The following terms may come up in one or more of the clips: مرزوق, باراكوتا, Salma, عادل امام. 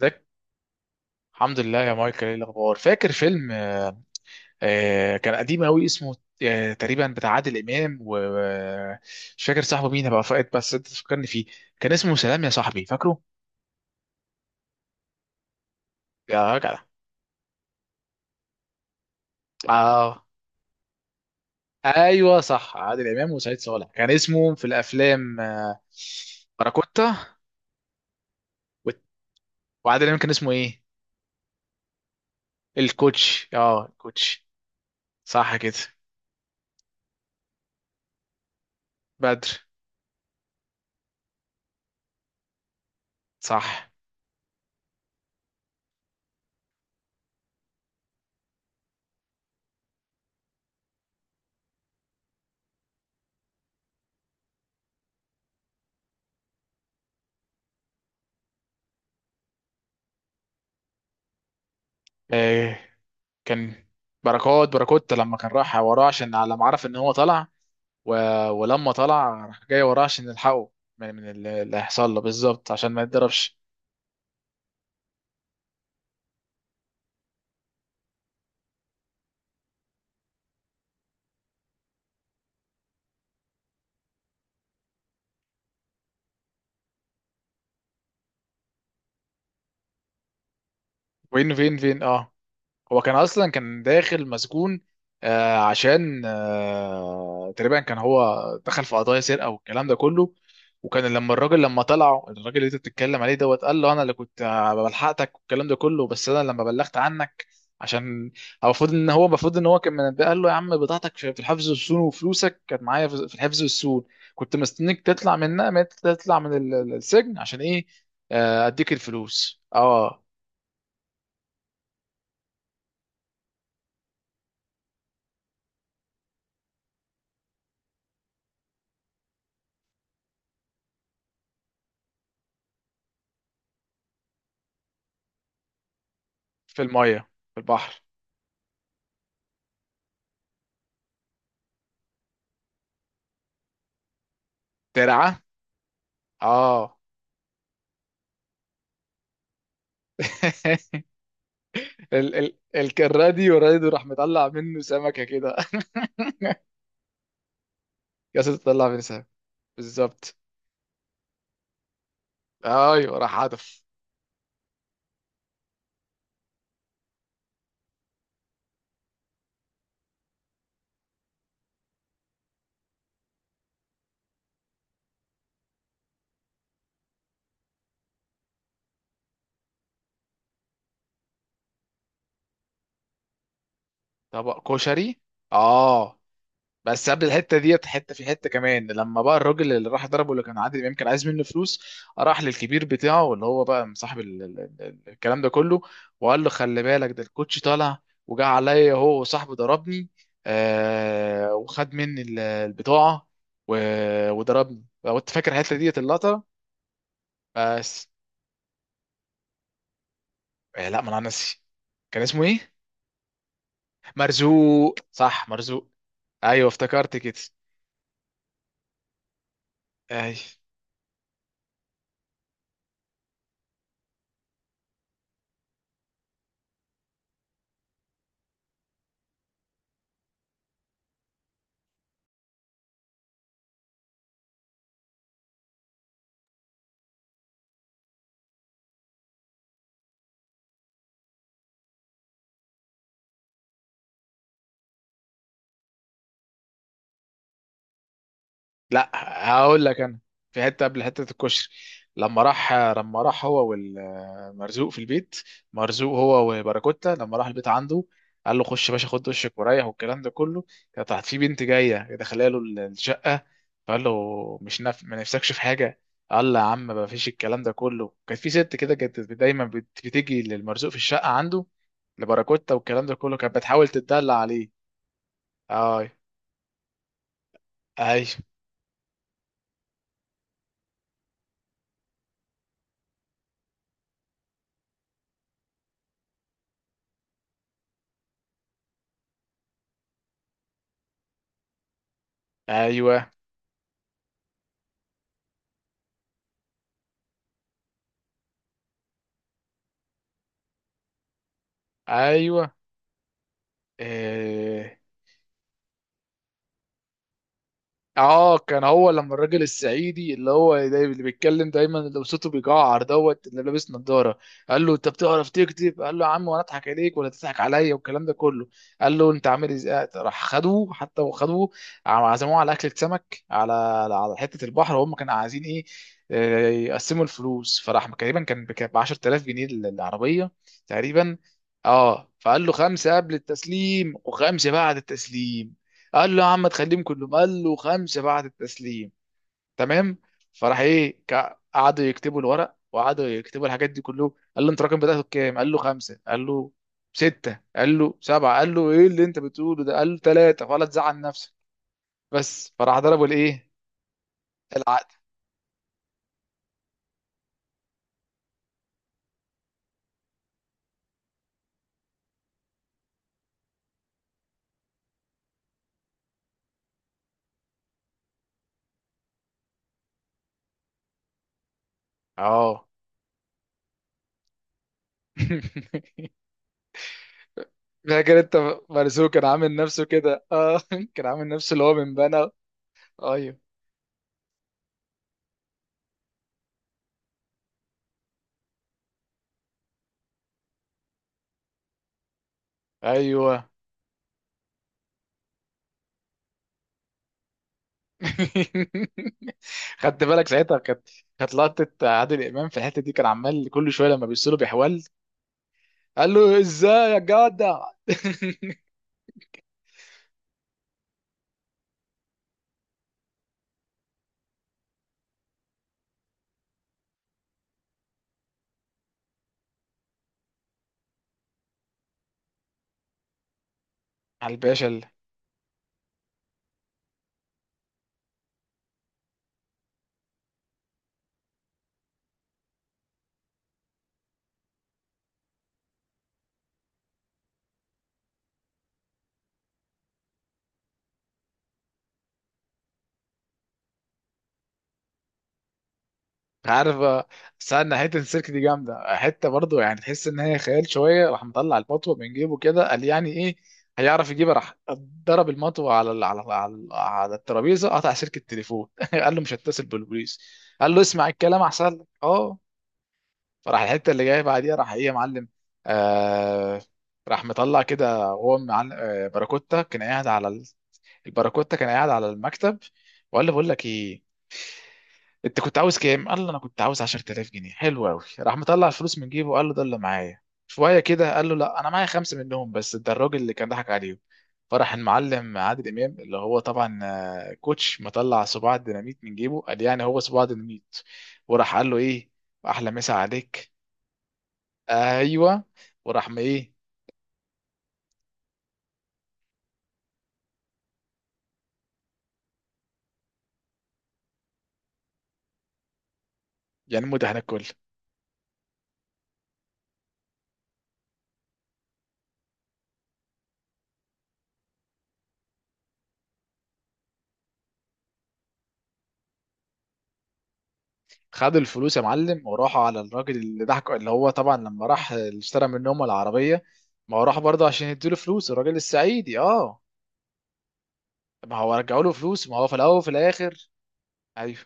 ازيك. الحمد لله يا مايكل، ايه الاخبار؟ فاكر فيلم، كان قديم قوي اسمه؟ تقريبا بتاع عادل امام، ومش فاكر صاحبه مين بقى، فاقد، بس انت تفكرني فيه. كان اسمه سلام يا صاحبي، فاكره؟ يا جدع. اه. ايوه صح، عادل امام وسعيد صالح كان اسمه في الافلام. باراكوتا. و- وعادل امام كان اسمه ايه؟ الكوتش، الكوتش. صح كده. بدر. صح. آه، كان بركات. بركات لما كان راح وراه عشان على ما عرف ان هو طلع. و... ولما طلع راح جاي وراه عشان يلحقه من اللي هيحصل له بالظبط عشان ما يتضربش. وين فين فين هو كان اصلا كان داخل مسجون. عشان تقريبا كان هو دخل في قضايا سرقه والكلام ده كله. وكان لما طلعوا الراجل اللي انت بتتكلم عليه دوت، قال له انا اللي كنت بلحقتك والكلام ده كله، بس انا لما بلغت عنك عشان هو. المفروض ان هو كان منبه، قال له يا عم بضاعتك في الحفظ والسون، وفلوسك كانت معايا في الحفظ والسون، كنت مستنيك تطلع من، السجن عشان ايه؟ اديك الفلوس. اه. في الميه. في البحر ترعى. اه. ال ال ال الراديو راح مطلع منه سمكة كده. ياسر، تطلع منه سمكة؟ بالظبط. ايوه راح هدف. طبق كشري. اه. بس قبل الحته ديت حته، في حته كمان لما بقى الراجل اللي راح ضربه اللي كان عادل امام كان عايز منه فلوس. راح للكبير بتاعه اللي هو بقى صاحب الكلام ده كله، وقال له خلي بالك ده الكوتش طالع وجا عليا هو وصاحبه ضربني وخد مني البطاعه وضربني، لو انت فاكر الحته ديت اللقطه. بس. لا ما انا ناسي. كان اسمه ايه؟ مرزوق. صح، مرزوق. ايوه افتكرت كده. ايوه. لا، هقول لك انا، في حته قبل حته الكشري، لما راح هو والمرزوق في البيت، مرزوق هو وباراكوتا، لما راح البيت عنده قال له خش يا باشا خد دشك وريح والكلام ده كله. كانت تحت في بنت جايه دخلها له الشقه، فقال له مش نف... ما نفسكش في حاجه. قال له يا عم ما فيش، الكلام ده كله، كانت في ست كده كانت دايما بتيجي للمرزوق في الشقه عنده لباراكوتا، والكلام ده كله كانت بتحاول تتدلع عليه. اي. ايوه، ايوه، ايوه. اه. كان هو لما الراجل الصعيدي اللي هو اللي بيتكلم دايما اللي صوته بيجعر دوت اللي لابس نظاره، قال له انت بتعرف تكتب؟ قال له يا عم، وانا اضحك عليك ولا تضحك عليا، والكلام ده كله. قال له انت عامل ازاي؟ راح خدوه حتى، وخدوه عزموه على اكله سمك على، حته البحر، وهم كانوا عايزين ايه؟ يقسموا الفلوس. فراح تقريبا كان ب 10,000 جنيه العربيه، تقريبا. اه. فقال له خمسه قبل التسليم وخمسه بعد التسليم. قال له يا عم تخليهم كلهم. قال له خمسه بعد التسليم، تمام. فراح ايه، قعدوا يكتبوا الورق وقعدوا يكتبوا الحاجات دي كله. قال له انت رقم بدأته بكام؟ قال له خمسه. قال له سته. قال له سبعه. قال له ايه اللي انت بتقوله ده؟ قال له ثلاثه ولا تزعل نفسك. بس. فراح ضربوا الايه، العقد. اه. فاكر انت مرزوق كان عامل نفسه كده؟ اه. كان عامل نفسه اللي هو من بنا. ايوه، ايوه. خدت بالك ساعتها؟ كانت لقطه عادل امام في الحته دي، كان عمال كل شويه لما بيصله بيحول. قال له ازاي يا جدع. على الباشا اللي، عارف، استنى. حته السيرك دي جامده، حته برضو يعني تحس ان هي خيال شويه. راح مطلع المطوه من جيبه كده قال يعني ايه، هيعرف يجيبها؟ راح ضرب المطوه على الترابيزه قطع سلك التليفون. قال له مش هتصل بالبوليس. قال له اسمع الكلام احسن لك. اه. فراح الحته اللي جايه بعديها، راح ايه يا معلم. آه راح مطلع كده وهو معلم، باراكوتا كان قاعد على الباراكوتا كان قاعد على المكتب، وقال له بقول لك ايه، انت كنت عاوز كام؟ قال له انا كنت عاوز 10,000 جنيه. حلو قوي. راح مطلع الفلوس من جيبه وقال له ده اللي معايا شويه كده. قال له لا، انا معايا خمسه منهم بس، ده الراجل اللي كان ضحك عليهم. فراح المعلم عادل امام اللي هو طبعا كوتش، مطلع صباع الديناميت من جيبه قال يعني هو صباع ديناميت، وراح قال له ايه، احلى مسا عليك. ايوه. وراح ما ايه، يعني مده هناكل. خدوا الفلوس يا معلم وراحوا على الراجل اللي ضحك، اللي هو طبعا لما راح اللي اشترى منهم العربيه، ما هو راح برضه عشان يديله فلوس الراجل السعيدي. اه. ما هو رجعوا له فلوس، ما هو في الاول وفي الاخر. ايوه.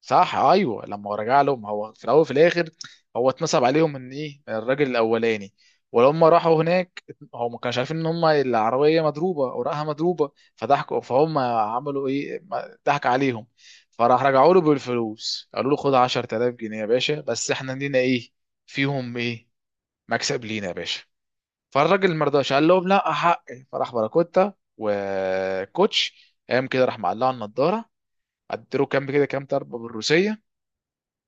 صح، ايوه. لما هو رجع لهم هو في الاول وفي الاخر، هو اتنصب عليهم من ايه، من الراجل الاولاني. ولما راحوا هناك هو ما كانش عارفين ان هم العربيه مضروبه، اوراقها مضروبه، فضحكوا، فهم عملوا ايه، ضحك عليهم. فراح رجعوا له بالفلوس، قالوا له خد 10,000 جنيه يا باشا، بس احنا لينا ايه فيهم، ايه مكسب لينا يا باشا. فالراجل ما رضاش، قال لهم لا حقي. فراح باراكوتا وكوتش قام كده راح مقلع النضاره، اديله كام كده كام ضربه بالروسيه.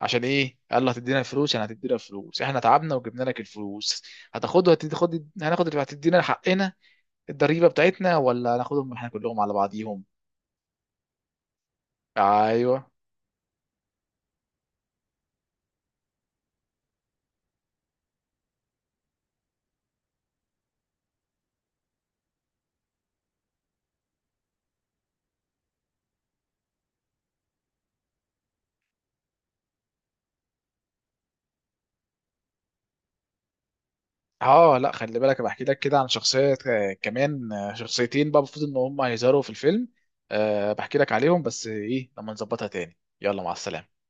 عشان ايه؟ قال له هتدينا فلوس، يعني هتدينا فلوس، احنا تعبنا وجبنا لك الفلوس، هتاخدها؟ هتدي خد، هناخد، هتدينا حقنا الضريبه بتاعتنا، ولا هناخدهم احنا كلهم على بعضيهم. ايوه. اه. لا، خلي بالك، أنا بحكي لك كده عن شخصيه كمان، شخصيتين بقى المفروض ان هم هيظهروا في الفيلم. بحكي لك عليهم، بس ايه لما نظبطها تاني. يلا، مع السلامه.